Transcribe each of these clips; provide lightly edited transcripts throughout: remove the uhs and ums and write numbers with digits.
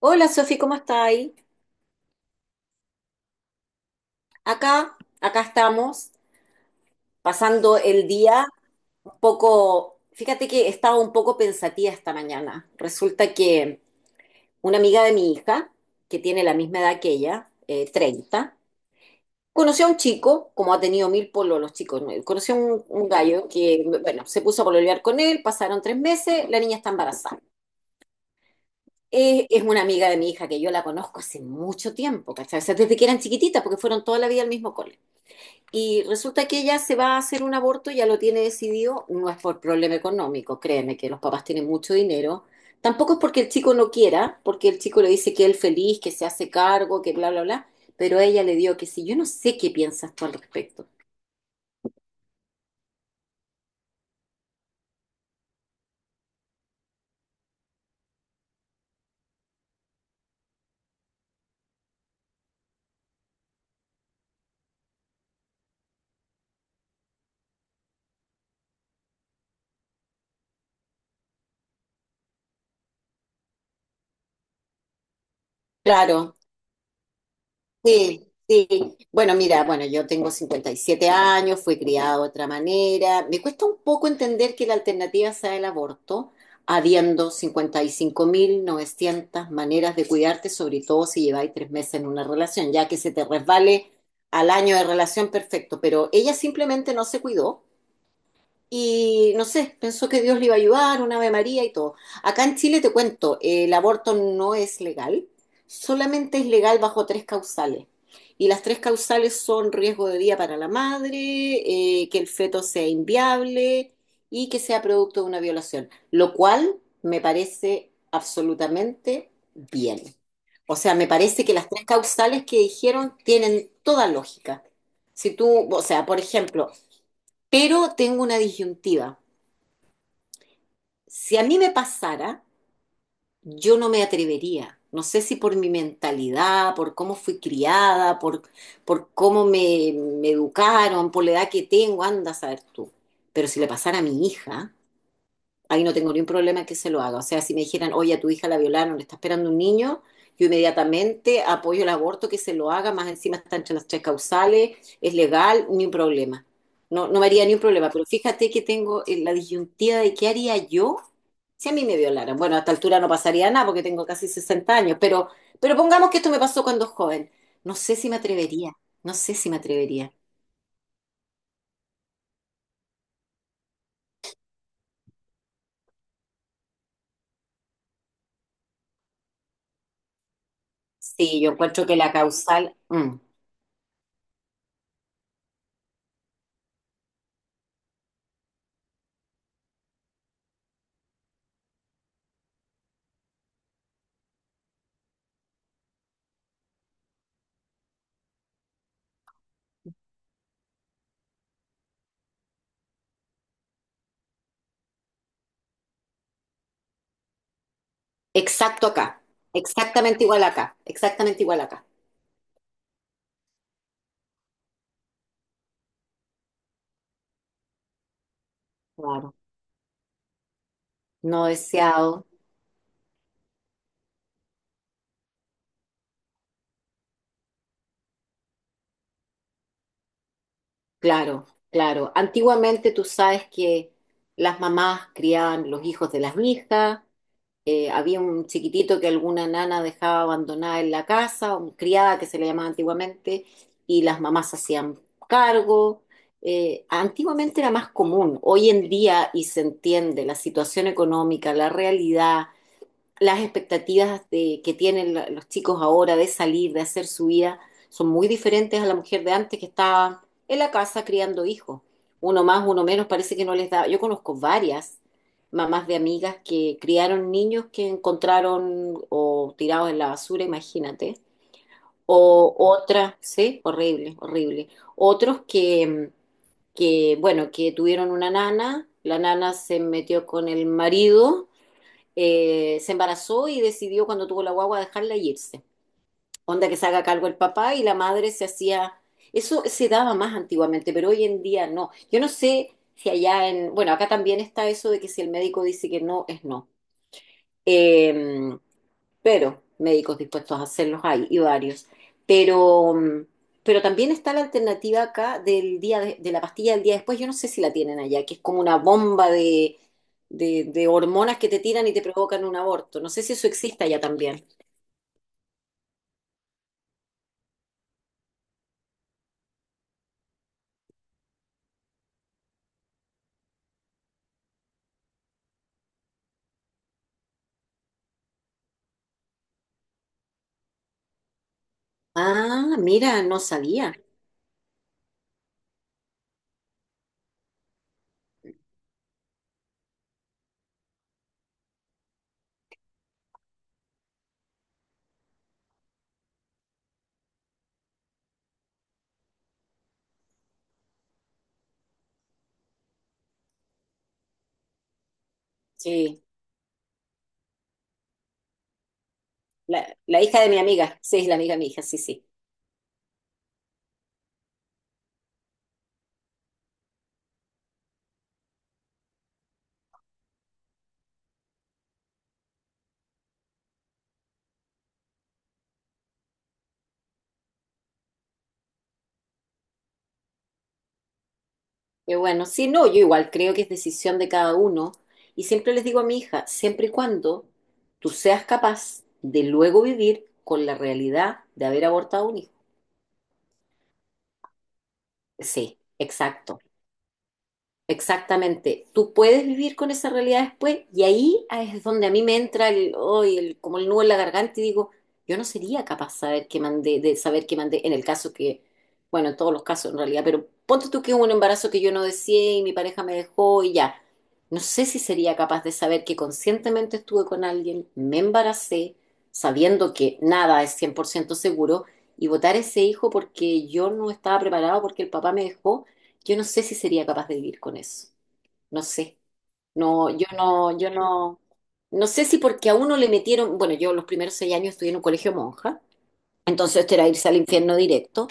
Hola Sofi, ¿cómo estáis? Acá, acá estamos, pasando el día un poco, fíjate que estaba un poco pensativa esta mañana. Resulta que una amiga de mi hija, que tiene la misma edad que ella, 30, conoció a un chico, como ha tenido mil polos los chicos, ¿no? Conoció a un gallo que, bueno, se puso a pololear con él, pasaron 3 meses, la niña está embarazada. Es una amiga de mi hija que yo la conozco hace mucho tiempo, ¿cachai? O sea, desde que eran chiquititas, porque fueron toda la vida al mismo cole. Y resulta que ella se va a hacer un aborto, ya lo tiene decidido, no es por problema económico, créeme que los papás tienen mucho dinero. Tampoco es porque el chico no quiera, porque el chico le dice que él feliz, que se hace cargo, que bla, bla, bla, pero ella le dio que sí. Yo no sé qué piensas tú al respecto. Claro. Sí, sí. Bueno, mira, bueno, yo tengo 57 años, fui criada de otra manera. Me cuesta un poco entender que la alternativa sea el aborto, habiendo 55.900 maneras de cuidarte, sobre todo si lleváis 3 meses en una relación, ya que se te resbale al año de relación, perfecto. Pero ella simplemente no se cuidó y no sé, pensó que Dios le iba a ayudar, un Ave María y todo. Acá en Chile te cuento, el aborto no es legal, solamente es legal bajo tres causales. Y las tres causales son riesgo de vida para la madre, que el feto sea inviable y que sea producto de una violación, lo cual me parece absolutamente bien. O sea, me parece que las tres causales que dijeron tienen toda lógica. Si tú, o sea, por ejemplo, pero tengo una disyuntiva. Si a mí me pasara, yo no me atrevería. No sé si por mi mentalidad, por cómo fui criada, por cómo me educaron, por la edad que tengo, anda a saber tú. Pero si le pasara a mi hija, ahí no tengo ningún problema que se lo haga. O sea, si me dijeran, oye, a tu hija la violaron, le está esperando un niño, yo inmediatamente apoyo el aborto, que se lo haga, más encima está entre las tres causales, es legal, ni un problema. No, no me haría ni un problema, pero fíjate que tengo la disyuntiva de qué haría yo si a mí me violaran. Bueno, a esta altura no pasaría nada porque tengo casi 60 años, pero pongamos que esto me pasó cuando joven. No sé si me atrevería, no sé si me atrevería. Sí, yo encuentro que la causal, mm. Exacto acá, exactamente igual acá, exactamente igual acá. Claro, no deseado, claro, claro. Antiguamente tú sabes que las mamás criaban los hijos de las hijas, había un chiquitito que alguna nana dejaba abandonada en la casa, un criada que se le llamaba antiguamente, y las mamás se hacían cargo. Antiguamente era más común, hoy en día, y se entiende, la situación económica, la realidad las expectativas de, que tienen los chicos ahora de salir, de hacer su vida, son muy diferentes a la mujer de antes que estaba en la casa criando hijos. Uno más, uno menos, parece que no les da. Yo conozco varias mamás de amigas que criaron niños que encontraron o tirados en la basura, imagínate. O otras, sí, horrible, horrible. Otros que, bueno, que tuvieron una nana, la nana se metió con el marido se embarazó y decidió cuando tuvo la guagua dejarla y irse. Onda que se haga cargo el papá y la madre se hacía... Eso se daba más antiguamente, pero hoy en día no. Yo no sé si allá en... Bueno, acá también está eso de que si el médico dice que no, es no. Eh, pero médicos dispuestos a hacerlos hay, y varios. Pero, mm, pero también está la alternativa acá del día de la pastilla del día después, yo no sé si la tienen allá, que es como una bomba de, de hormonas que te tiran y te provocan un aborto. No sé si eso existe allá también. Ah, mira, no sabía. Sí, la hija de mi amiga, sí, la amiga de mi hija, sí, sí. Qué bueno, sí, no, yo igual creo que es decisión de cada uno. Y siempre les digo a mi hija, siempre y cuando tú seas capaz de luego vivir con la realidad de haber abortado un hijo. Sí, exacto. Exactamente. Tú puedes vivir con esa realidad después y ahí es donde a mí me entra el, oh, el como el nudo en la garganta y digo, yo no sería capaz saber que mandé, de saber que mandé en el caso que, bueno, en todos los casos en realidad, pero ponte tú que hubo un embarazo que yo no deseé y mi pareja me dejó y ya. No sé si sería capaz de saber que conscientemente estuve con alguien, me embaracé, sabiendo que nada es 100% seguro y botar ese hijo porque yo no estaba preparado porque el papá me dejó, yo no sé si sería capaz de vivir con eso. No sé. No, yo no, yo no. No sé si porque a uno le metieron. Bueno, yo los primeros 6 años estudié en un colegio monja, entonces esto era irse al infierno directo.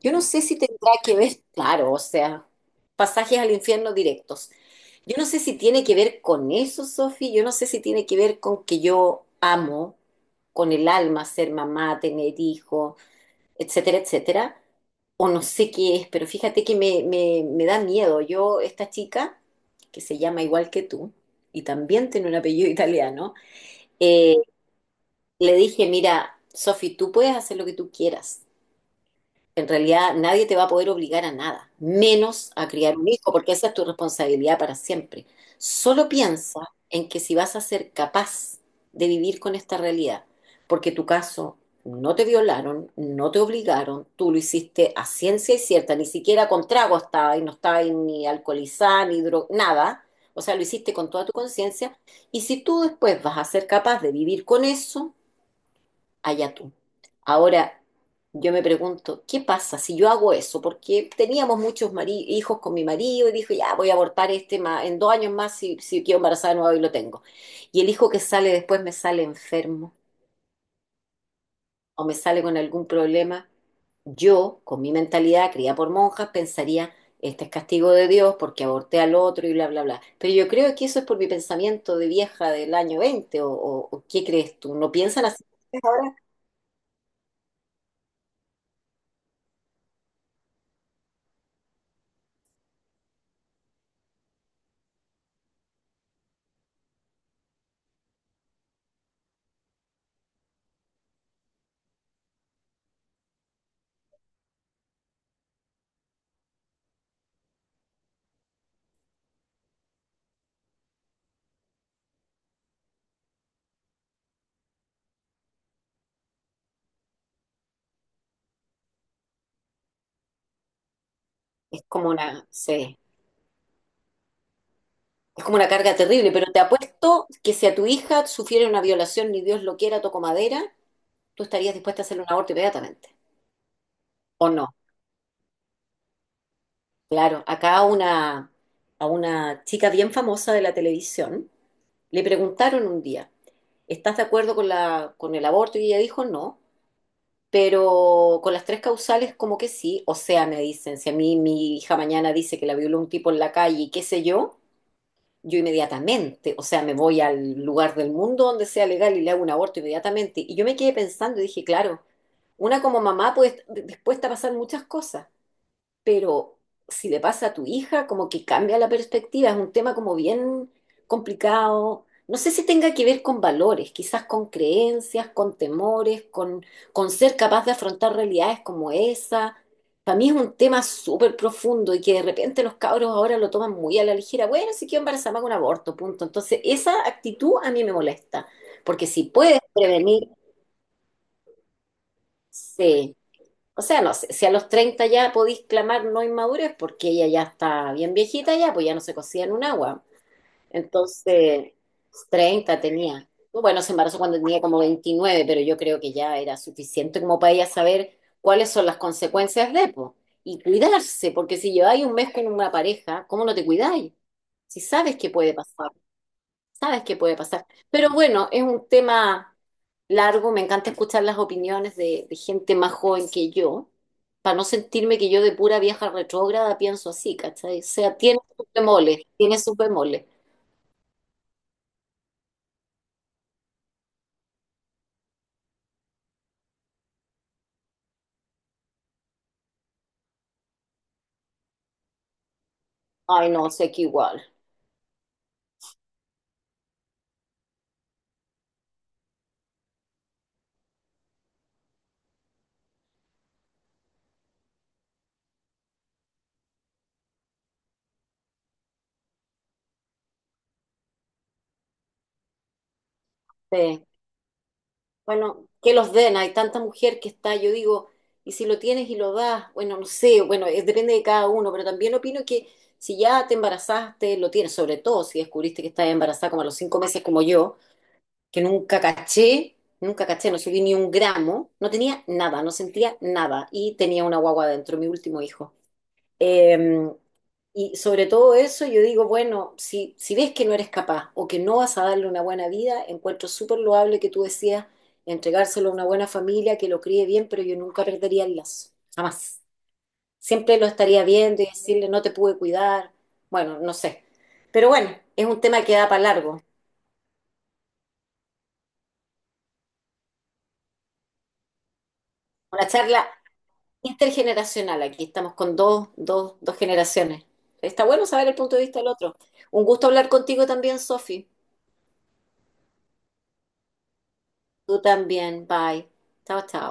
Yo no sé si tendrá que ver, claro, o sea, pasajes al infierno directos. Yo no sé si tiene que ver con eso, Sofi. Yo no sé si tiene que ver con que yo amo con el alma ser mamá, tener hijos, etcétera, etcétera, o no sé qué es, pero fíjate que me da miedo. Yo, esta chica, que se llama igual que tú, y también tiene un apellido italiano, eh, le dije, mira, Sofi, tú puedes hacer lo que tú quieras. En realidad nadie te va a poder obligar a nada, menos a criar un hijo, porque esa es tu responsabilidad para siempre. Solo piensa en que si vas a ser capaz de vivir con esta realidad, porque tu caso no te violaron, no te obligaron, tú lo hiciste a ciencia y cierta, ni siquiera con trago estaba y no estaba ahí ni alcoholizada, ni dro nada, o sea, lo hiciste con toda tu conciencia, y si tú después vas a ser capaz de vivir con eso, allá tú. Ahora, yo me pregunto, ¿qué pasa si yo hago eso? Porque teníamos muchos hijos con mi marido y dijo, ya voy a abortar este en 2 años más si quedo embarazada de nuevo y lo tengo. Y el hijo que sale después me sale enfermo o me sale con algún problema. Yo, con mi mentalidad criada por monjas, pensaría, este es castigo de Dios porque aborté al otro y bla, bla, bla. Pero yo creo que eso es por mi pensamiento de vieja del año 20 o ¿qué crees tú? ¿No piensan así ahora? Es como una... Sí. Es como una carga terrible, pero te apuesto que si a tu hija sufriera una violación, ni Dios lo quiera, toco madera, tú estarías dispuesta a hacerle un aborto inmediatamente. ¿O no? Claro, acá a una chica bien famosa de la televisión le preguntaron un día, ¿estás de acuerdo con la, con el aborto? Y ella dijo no, pero con las tres causales como que sí. O sea, me dicen, si a mí mi hija mañana dice que la violó un tipo en la calle y qué sé yo, yo inmediatamente, o sea, me voy al lugar del mundo donde sea legal y le hago un aborto inmediatamente. Y yo me quedé pensando y dije, claro, una como mamá puede estar dispuesta a pasar muchas cosas, pero si le pasa a tu hija, como que cambia la perspectiva, es un tema como bien complicado. No sé si tenga que ver con valores, quizás con creencias, con temores, con ser capaz de afrontar realidades como esa. Para mí es un tema súper profundo y que de repente los cabros ahora lo toman muy a la ligera. Bueno, si quiero embarazarme hago un aborto, punto. Entonces, esa actitud a mí me molesta, porque si puedes prevenir, sí. O sea, no sé, si a los 30 ya podéis clamar no inmadurez, porque ella ya está bien viejita ya, pues ya no se cocía en un agua. Entonces, 30 tenía. Bueno, se embarazó cuando tenía como 29, pero yo creo que ya era suficiente como para ella saber cuáles son las consecuencias de, pues. Y cuidarse, porque si lleváis un mes con una pareja, ¿cómo no te cuidáis? Si sabes que puede pasar. Sabes qué puede pasar. Pero bueno, es un tema largo. Me encanta escuchar las opiniones de gente más joven que yo, para no sentirme que yo de pura vieja retrógrada pienso así, ¿cachai? O sea, tiene sus bemoles, tiene sus bemoles. Ay, no, sé que igual. Sí. Bueno, que los den. Hay tanta mujer que está, yo digo, y si lo tienes y lo das, bueno, no sé, bueno, depende de cada uno, pero también opino que si ya te embarazaste, lo tienes, sobre todo si descubriste que estás embarazada como a los 5 meses como yo. Que nunca caché, nunca caché, no subí ni un gramo, no tenía nada, no sentía nada y tenía una guagua dentro, mi último hijo. Eh, y sobre todo eso yo digo, bueno, si, si ves que no eres capaz o que no vas a darle una buena vida, encuentro súper loable que tú decías entregárselo a una buena familia que lo críe bien, pero yo nunca perdería el lazo, jamás. Siempre lo estaría viendo y decirle, no te pude cuidar, bueno, no sé. Pero bueno, es un tema que da para largo. Una charla, intergeneracional, aquí estamos con dos generaciones. Está bueno saber el punto de vista del otro. Un gusto hablar contigo también, Sofi. Tú también, bye. Chao, chao.